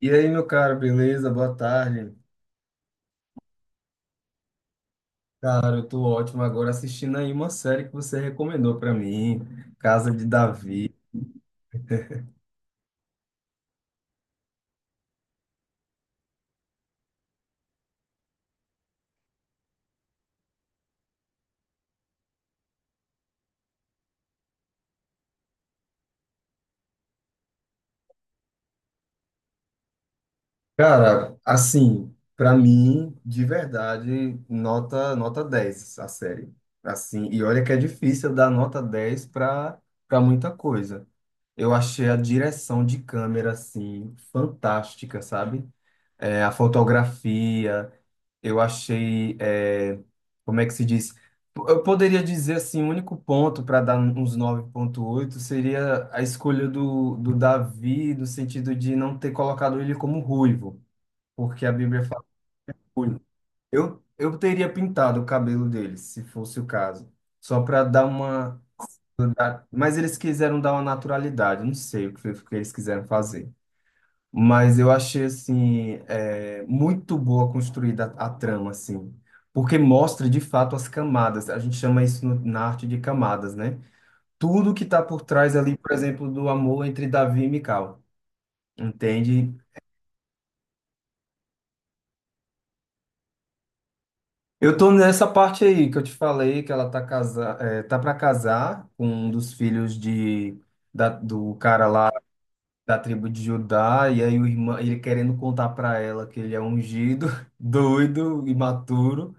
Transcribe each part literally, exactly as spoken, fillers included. E aí, meu caro, beleza? Boa tarde. Cara, eu tô ótimo agora assistindo aí uma série que você recomendou pra mim, Casa de Davi. Cara, assim, pra mim, de verdade, nota nota dez a série. Assim, e olha que é difícil dar nota dez pra para muita coisa. Eu achei a direção de câmera assim fantástica, sabe? É, a fotografia, eu achei, é, como é que se diz? Eu poderia dizer assim, o único ponto para dar uns nove ponto oito seria a escolha do, do Davi, no sentido de não ter colocado ele como ruivo, porque a Bíblia fala ruivo. Eu, eu teria pintado o cabelo dele, se fosse o caso, só para dar uma. dar- Mas eles quiseram dar uma naturalidade, não sei o que foi que eles quiseram fazer, mas eu achei assim é, muito boa construída a, a trama assim, porque mostra de fato as camadas. A gente chama isso no- na arte de camadas, né? Tudo que está por trás ali, por exemplo, do amor entre Davi e Mical, entende? Eu tô nessa parte aí que eu te falei que ela tá casa, é, tá para casar com um dos filhos de da, do cara lá da tribo de Judá, e aí o irmão ele querendo contar para ela que ele é ungido, doido, imaturo.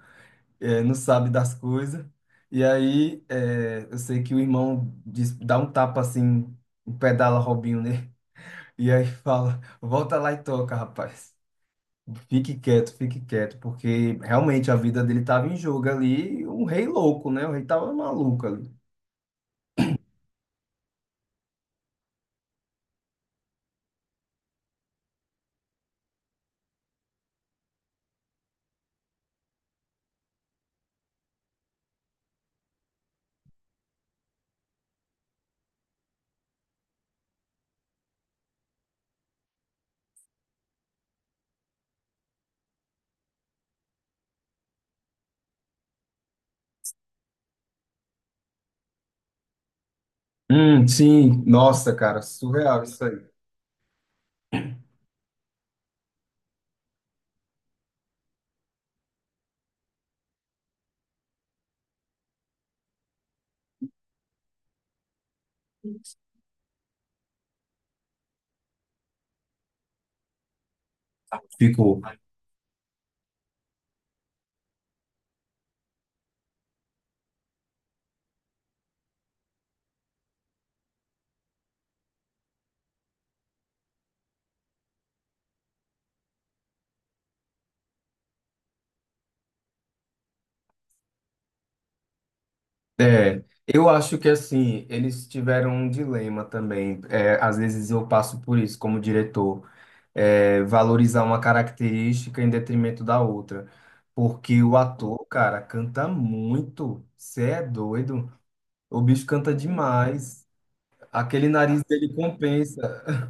eh, Não sabe das coisas. E aí, eh, eu sei que o irmão diz, dá um tapa assim, pedala Robinho nele, e aí fala: volta lá e toca, rapaz. Fique quieto, fique quieto, porque realmente a vida dele estava em jogo ali, um rei louco, né? O rei tava maluco ali. Hum, sim, nossa, cara, surreal isso aí. Ficou. É, eu acho que assim, eles tiveram um dilema também. É, às vezes eu passo por isso como diretor. É, valorizar uma característica em detrimento da outra. Porque o ator, cara, canta muito. Você é doido? O bicho canta demais. Aquele nariz dele compensa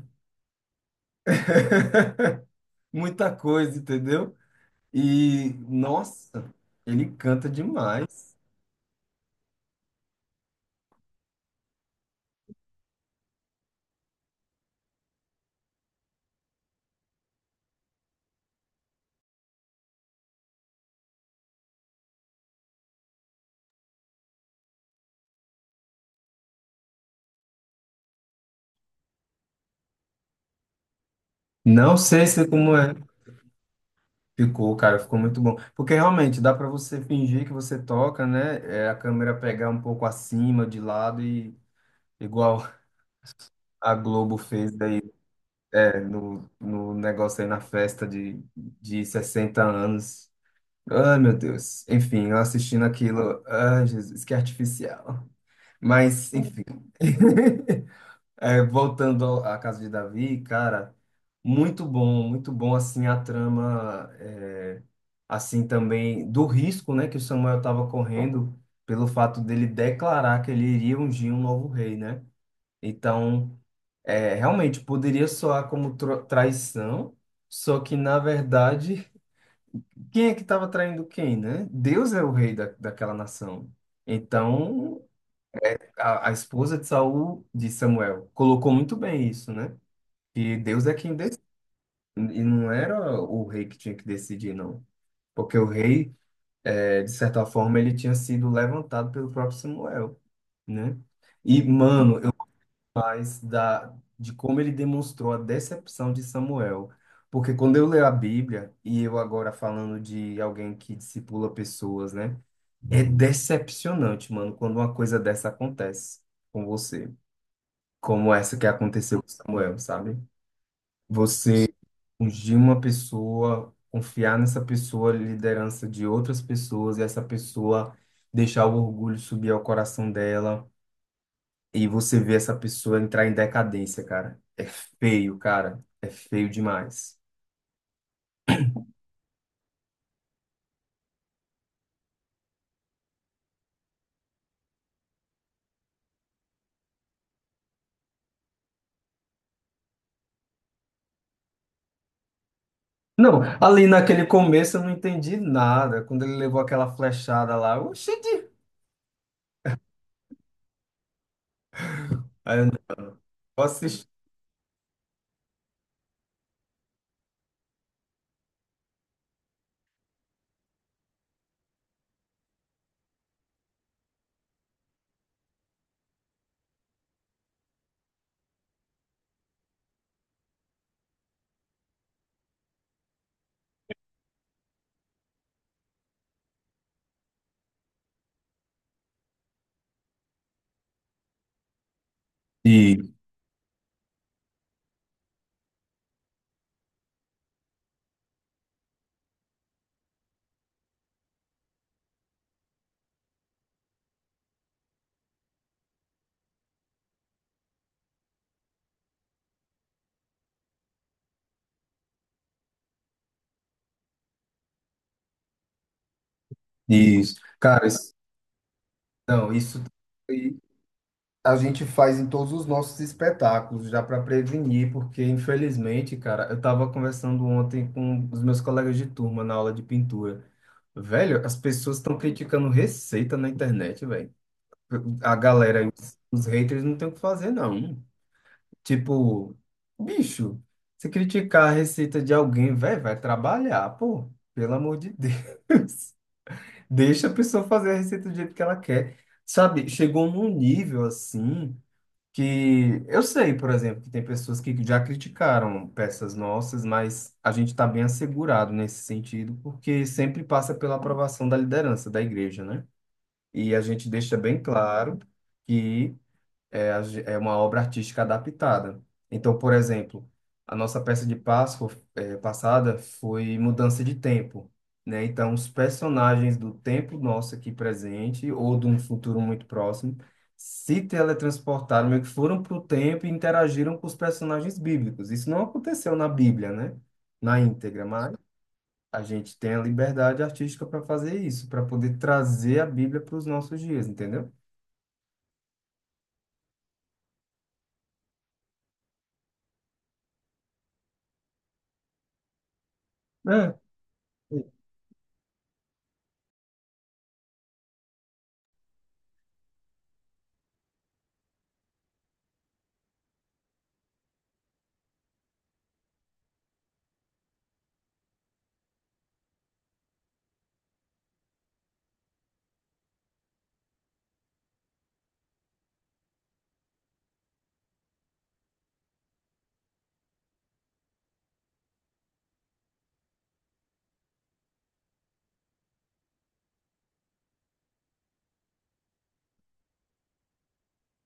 muita coisa, entendeu? E, nossa, ele canta demais. Não sei se como é. Ficou, cara, ficou muito bom. Porque realmente dá pra você fingir que você toca, né? É, a câmera pegar um pouco acima, de lado, e igual a Globo fez é, no, no negócio aí na festa de, de sessenta anos. Ai, meu Deus. Enfim, eu assistindo aquilo. Ai, Jesus, que artificial. Mas, enfim. É, voltando ao- à Casa de Davi, cara, muito bom, muito bom, assim, a trama, é, assim, também, do risco, né, que o Samuel estava correndo pelo fato dele declarar que ele iria ungir um novo rei, né? Então, é, realmente poderia soar como tro- traição, só que na verdade, quem é que estava traindo quem, né? Deus é o rei da, daquela nação. Então, a, a esposa de Saul, de Samuel, colocou muito bem isso, né? Que Deus é quem decide, e não era o rei que tinha que decidir, não. Porque o rei, é, de certa forma, ele tinha sido levantado pelo próprio Samuel, né? E, mano, mais da, de como ele demonstrou a decepção de Samuel. Porque quando eu leio a Bíblia, e eu agora falando de alguém que discipula pessoas, né? É decepcionante, mano, quando uma coisa dessa acontece com você. Como essa que aconteceu com Samuel, sabe? Você ungir uma pessoa, confiar nessa pessoa, liderança de outras pessoas, e essa pessoa deixar o orgulho subir ao coração dela e você vê essa pessoa entrar em decadência, cara. É feio, cara. É feio demais. Não, ali naquele começo eu não entendi nada. Quando ele levou aquela flechada lá, oxi, eu assisti. E- Isso. Cara, isso, não, isso aí a gente faz em todos os nossos espetáculos, já para prevenir, porque infelizmente, cara, eu estava conversando ontem com os meus colegas de turma na aula de pintura. Velho, as pessoas estão criticando receita na internet, velho. A galera, os, os haters não tem o que fazer, não. Tipo, bicho, se criticar a receita de alguém, velho, vai trabalhar, pô. Pelo amor de Deus. Deixa a pessoa fazer a receita do jeito que ela quer. Sabe, chegou num nível assim que eu sei, por exemplo, que tem pessoas que já criticaram peças nossas, mas a gente está bem assegurado nesse sentido, porque sempre passa pela aprovação da liderança da igreja, né? E a gente deixa bem claro que é, a ge- é uma obra artística adaptada. Então, por exemplo, a nossa peça de Páscoa eh, passada foi Mudança de Tempo, né? Então, os personagens do tempo nosso aqui presente ou de um futuro muito próximo se teletransportaram, meio que foram para o tempo e interagiram com os personagens bíblicos. Isso não aconteceu na Bíblia, né? Na íntegra, mas a gente tem a liberdade artística para fazer isso, para poder trazer a Bíblia para os nossos dias, entendeu? É.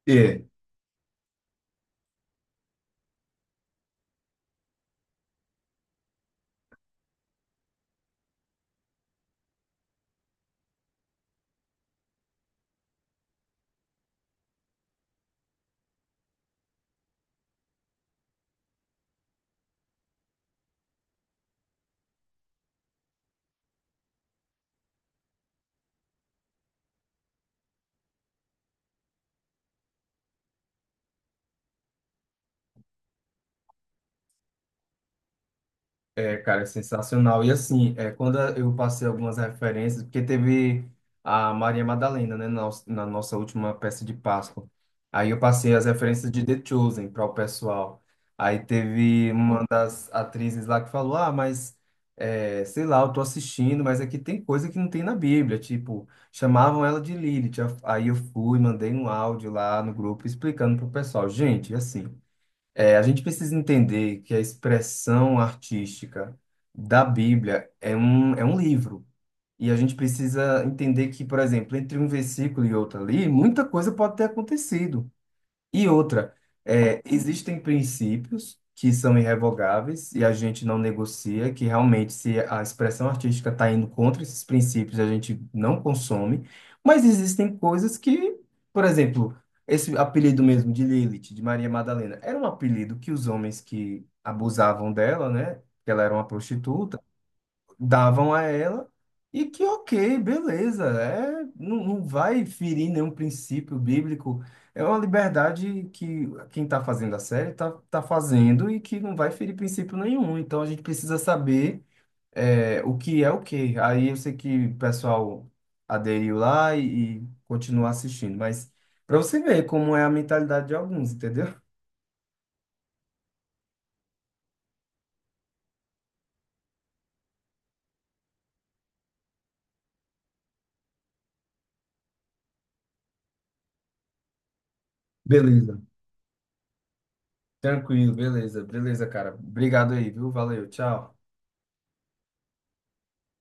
É. É, cara, é sensacional. E assim, é, quando eu passei algumas referências, porque teve a Maria Madalena, né, na, na nossa última peça de Páscoa. Aí eu passei as referências de The Chosen para o pessoal. Aí teve uma das atrizes lá que falou: Ah, mas é, sei lá, eu tô assistindo, mas aqui tem coisa que não tem na Bíblia. Tipo, chamavam ela de Lilith. Aí eu fui, mandei um áudio lá no grupo explicando pro pessoal: Gente, assim. É, a gente precisa entender que a expressão artística da Bíblia é um, é um livro. E a gente precisa entender que, por exemplo, entre um versículo e outro ali, muita coisa pode ter acontecido. E outra, é, existem princípios que são irrevogáveis e a gente não negocia, que realmente, se a expressão artística está indo contra esses princípios, a gente não consome, mas existem coisas que, por exemplo, esse apelido mesmo de Lilith, de Maria Madalena, era um apelido que os homens que abusavam dela, né? Que ela era uma prostituta, davam a ela e que ok, beleza, é, não, não vai ferir nenhum princípio bíblico. É uma liberdade que quem está fazendo a série está tá tá fazendo e que não vai ferir princípio nenhum. Então a gente precisa saber é, o que é o que. Aí eu sei que o pessoal aderiu lá e, e continua assistindo, mas para você ver como é a mentalidade de alguns, entendeu? Beleza. Tranquilo, beleza, beleza, cara. Obrigado aí, viu? Valeu, tchau.